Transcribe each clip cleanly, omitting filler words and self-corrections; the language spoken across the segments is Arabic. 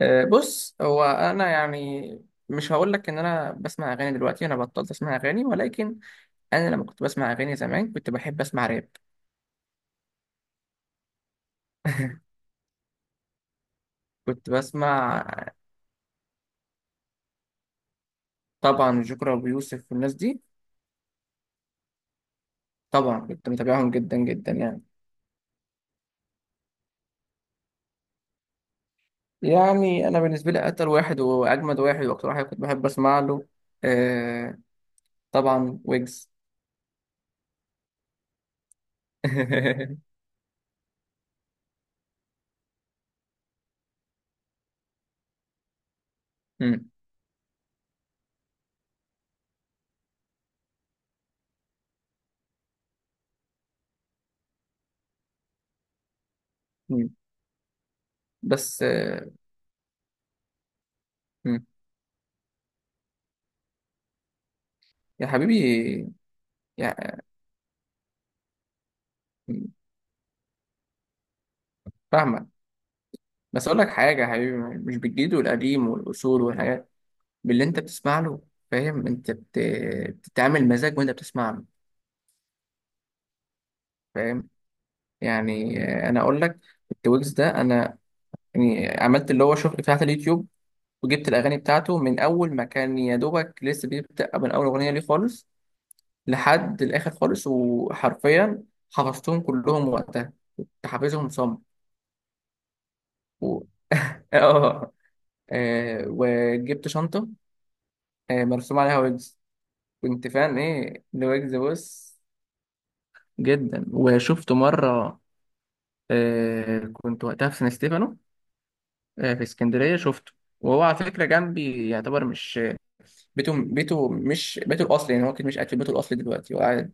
أه، بص هو انا يعني مش هقول لك ان انا بسمع اغاني دلوقتي. انا بطلت اسمع اغاني، ولكن انا لما كنت بسمع اغاني زمان كنت بحب اسمع راب. كنت بسمع طبعا جوكر وابو يوسف والناس دي. طبعا كنت متابعهم جدا جدا، يعني. يعني انا بالنسبه لي اتقل واحد واجمد واحد واكتر واحد كنت بحب اسمع له. أه، طبعا ويجز. مم، مم. بس أه، مم. يا حبيبي. يعني فاهمك، بس اقول لك حاجه يا حبيبي، مش بالجديد والقديم والاصول والحاجات، باللي انت بتسمع له. فاهم؟ انت بتتعامل مزاج وانت بتسمع له. فاهم؟ يعني آه، انا اقول لك، التويجز ده انا يعني عملت اللي هو شغل بتاعت اليوتيوب، وجبت الاغاني بتاعته من اول ما كان يا دوبك لسه بيبدا، من اول اغنيه ليه خالص لحد الاخر خالص، وحرفيا حفظتهم كلهم وقتها، حافظهم صم و... اه. آه، وجبت شنطه آه، مرسوم عليها ويجز. كنت فان ايه ذا ويجز، بص. جدا، وشفته مرة. آه، كنت وقتها في سان ستيفانو، آه، في اسكندرية شفته. وهو على فكرة جنبي، يعتبر مش بيته، بيته مش بيته الأصلي. يعني هو كده مش قاعد في بيته الأصلي دلوقتي، وقاعد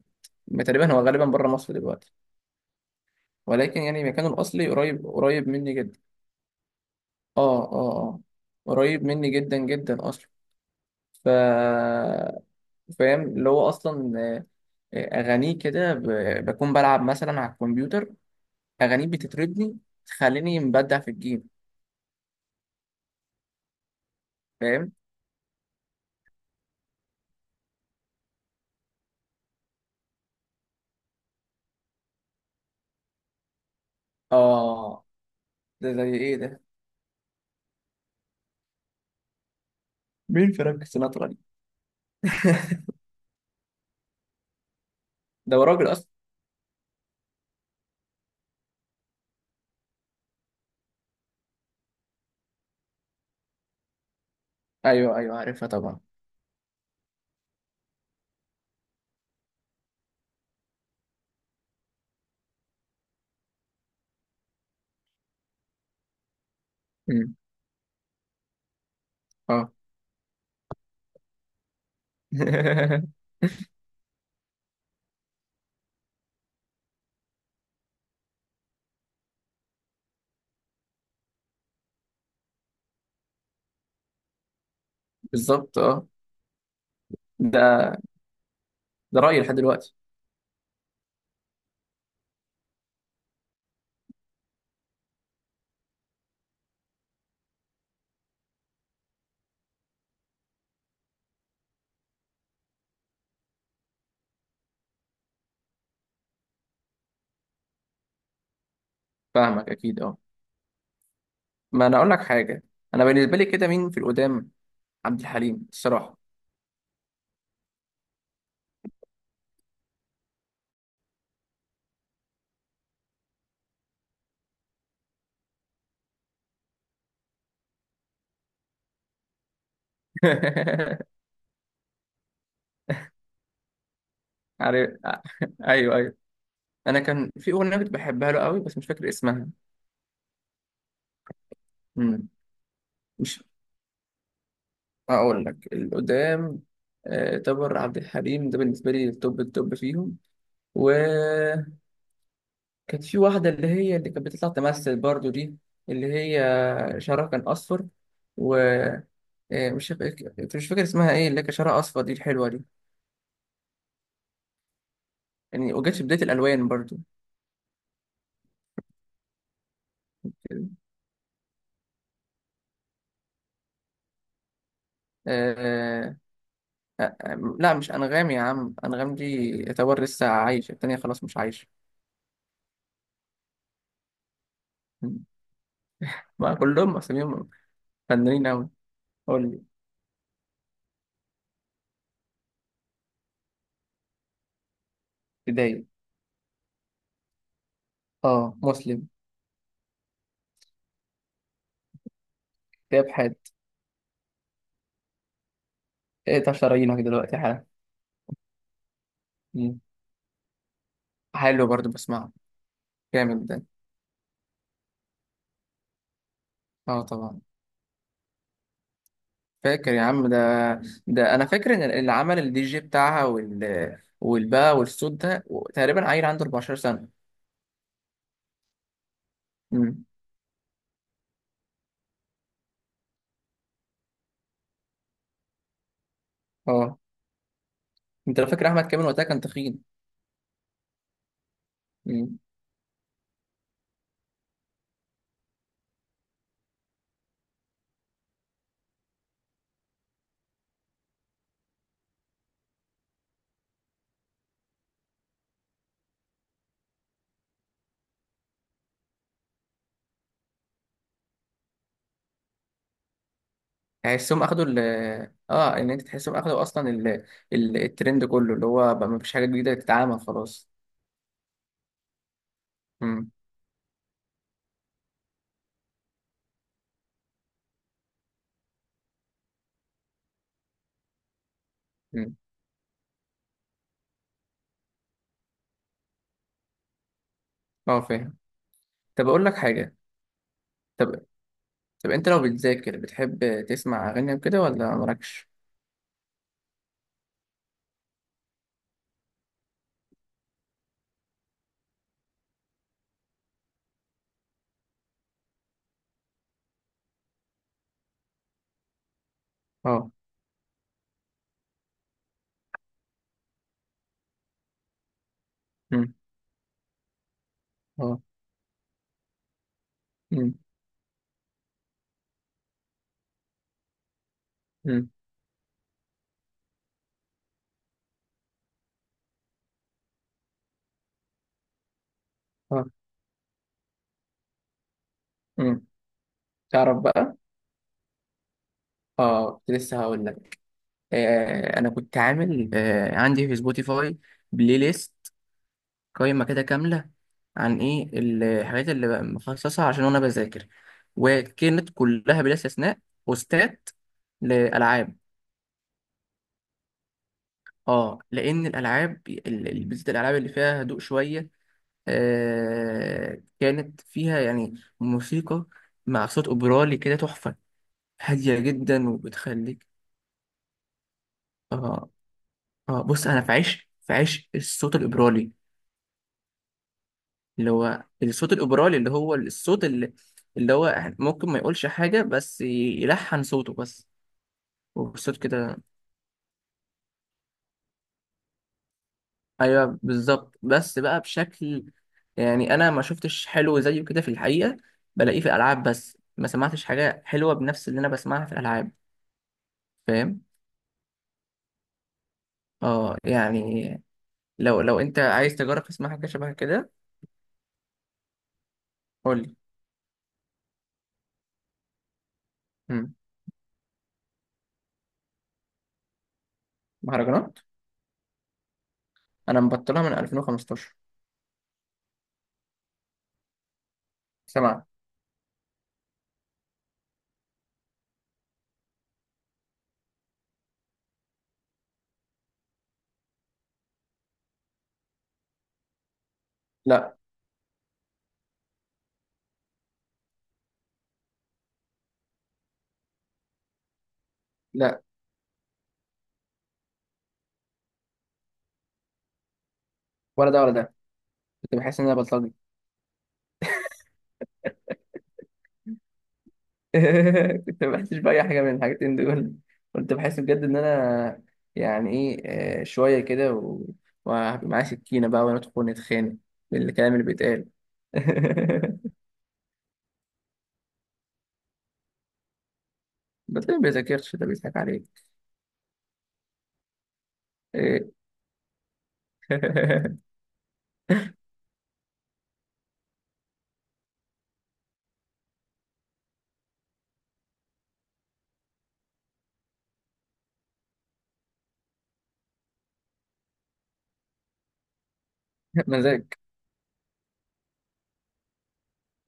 تقريبا هو غالبا بره مصر دلوقتي، ولكن يعني مكانه الأصلي قريب قريب مني جدا. اه اه. اه، قريب مني جدا جدا أصلا. ف فاهم اللي هو أصلا أغانيه كده بكون بلعب مثلا على الكمبيوتر، أغانيه بتطربني، تخليني مبدع في الجيم. فاهم؟ آه. ده زي إيه ده؟ مين فرانك سيناترا دي؟ ده هو راجل أصلا. أيوه أيوه، عارفها طبعا. أمم، آه. بالظبط آه. ده ده رأيي لحد دلوقتي. فاهمك أكيد آه. ما أنا أقول لك حاجة، أنا بالنسبة لي كده مين في القدام؟ عبد الحليم الصراحة. عارف. أيوه أيوه. أنا كان في أغنية كنت بحبها له قوي بس مش فاكر اسمها. أمم. مش. هقول لك القدام. آه، تامر عبد الحليم ده بالنسبة لي التوب التوب فيهم. وكانت في واحدة اللي هي اللي كانت بتطلع تمثل برضو دي، اللي هي شعرها كان أصفر. ومش فاكر مش فاكر اسمها ايه، اللي كان شعرها أصفر دي، الحلوة دي. يعني وجت في بداية الألوان برضو. آه، لا، مش أنغام يا عم. أنغام دي يعتبر لسه عايشة. التانية خلاص مش عايشة. ما كلهم أساميهم فنانين أوي. قول لي. بداية اه مسلم، إيهاب حاتم. 19 راينه دلوقتي حالا. مم. حلو برضو، بسمعه. جامد ده. اه طبعا. فاكر يا عم ده. ده انا فاكر ان اللي عمل الدي جي بتاعها وال والبا والصوت ده تقريبا عيل عنده 14 سنه. امم. اه، انت لو فاكر احمد كامل وقتها كان تخين. امم. تحسهم اخدوا ال... اه، ان انت تحسهم اخدوا اصلا ال... ال... الترند كله، اللي هو بقى مفيش حاجه جديده تتعمل خلاص. امم. امم. اه، فاهم. طب اقول لك حاجه. طب طب انت لو بتذاكر بتحب تسمع اغاني وكده ولا مالكش. اه. مم. اه. مم. مم. اه. مم. تعرف بقى. اه، كنت لسه هقول لك. آه، انا كنت عامل آه عندي في سبوتيفاي بلاي ليست، قائمه كده كامله، عن ايه الحاجات اللي بقى مخصصها عشان وانا بذاكر. وكانت كلها بلا استثناء بوستات لالعاب. اه، لان الالعاب بالذات الالعاب اللي فيها هدوء شويه، آه، كانت فيها يعني موسيقى مع صوت اوبرالي كده تحفه، هادية جدا، وبتخليك. اه. اه، بص، انا في عشق، في عشق الصوت الاوبرالي. اللي هو الصوت الاوبرالي، اللي هو الصوت اللي، اللي هو ممكن ما يقولش حاجة بس يلحن صوته بس. والصوت كده. ايوه بالظبط، بس بقى بشكل، يعني انا ما شفتش حلو زيه كده في الحقيقة، بلاقيه في الالعاب بس ما سمعتش حاجة حلوة بنفس اللي انا بسمعها في الالعاب. فاهم؟ اه، يعني لو انت عايز تجرب تسمع حاجة شبه كده. قول لي. مم. مهرجانات. انا مبطلها من 2015. سمع. لا. لا، ولا ده ولا ده. كنت بحس ان انا بلطجي. كنت ما بحسش باي حاجه من الحاجتين دول. كنت بحس بجد ان انا يعني ايه، آه، شويه كده وهبقى معايا سكينه بقى، وندخل نتخانق بالكلام اللي بيتقال. ده تلاقيه ما بيذاكرش، ده بيضحك عليك. إيه. مزاج.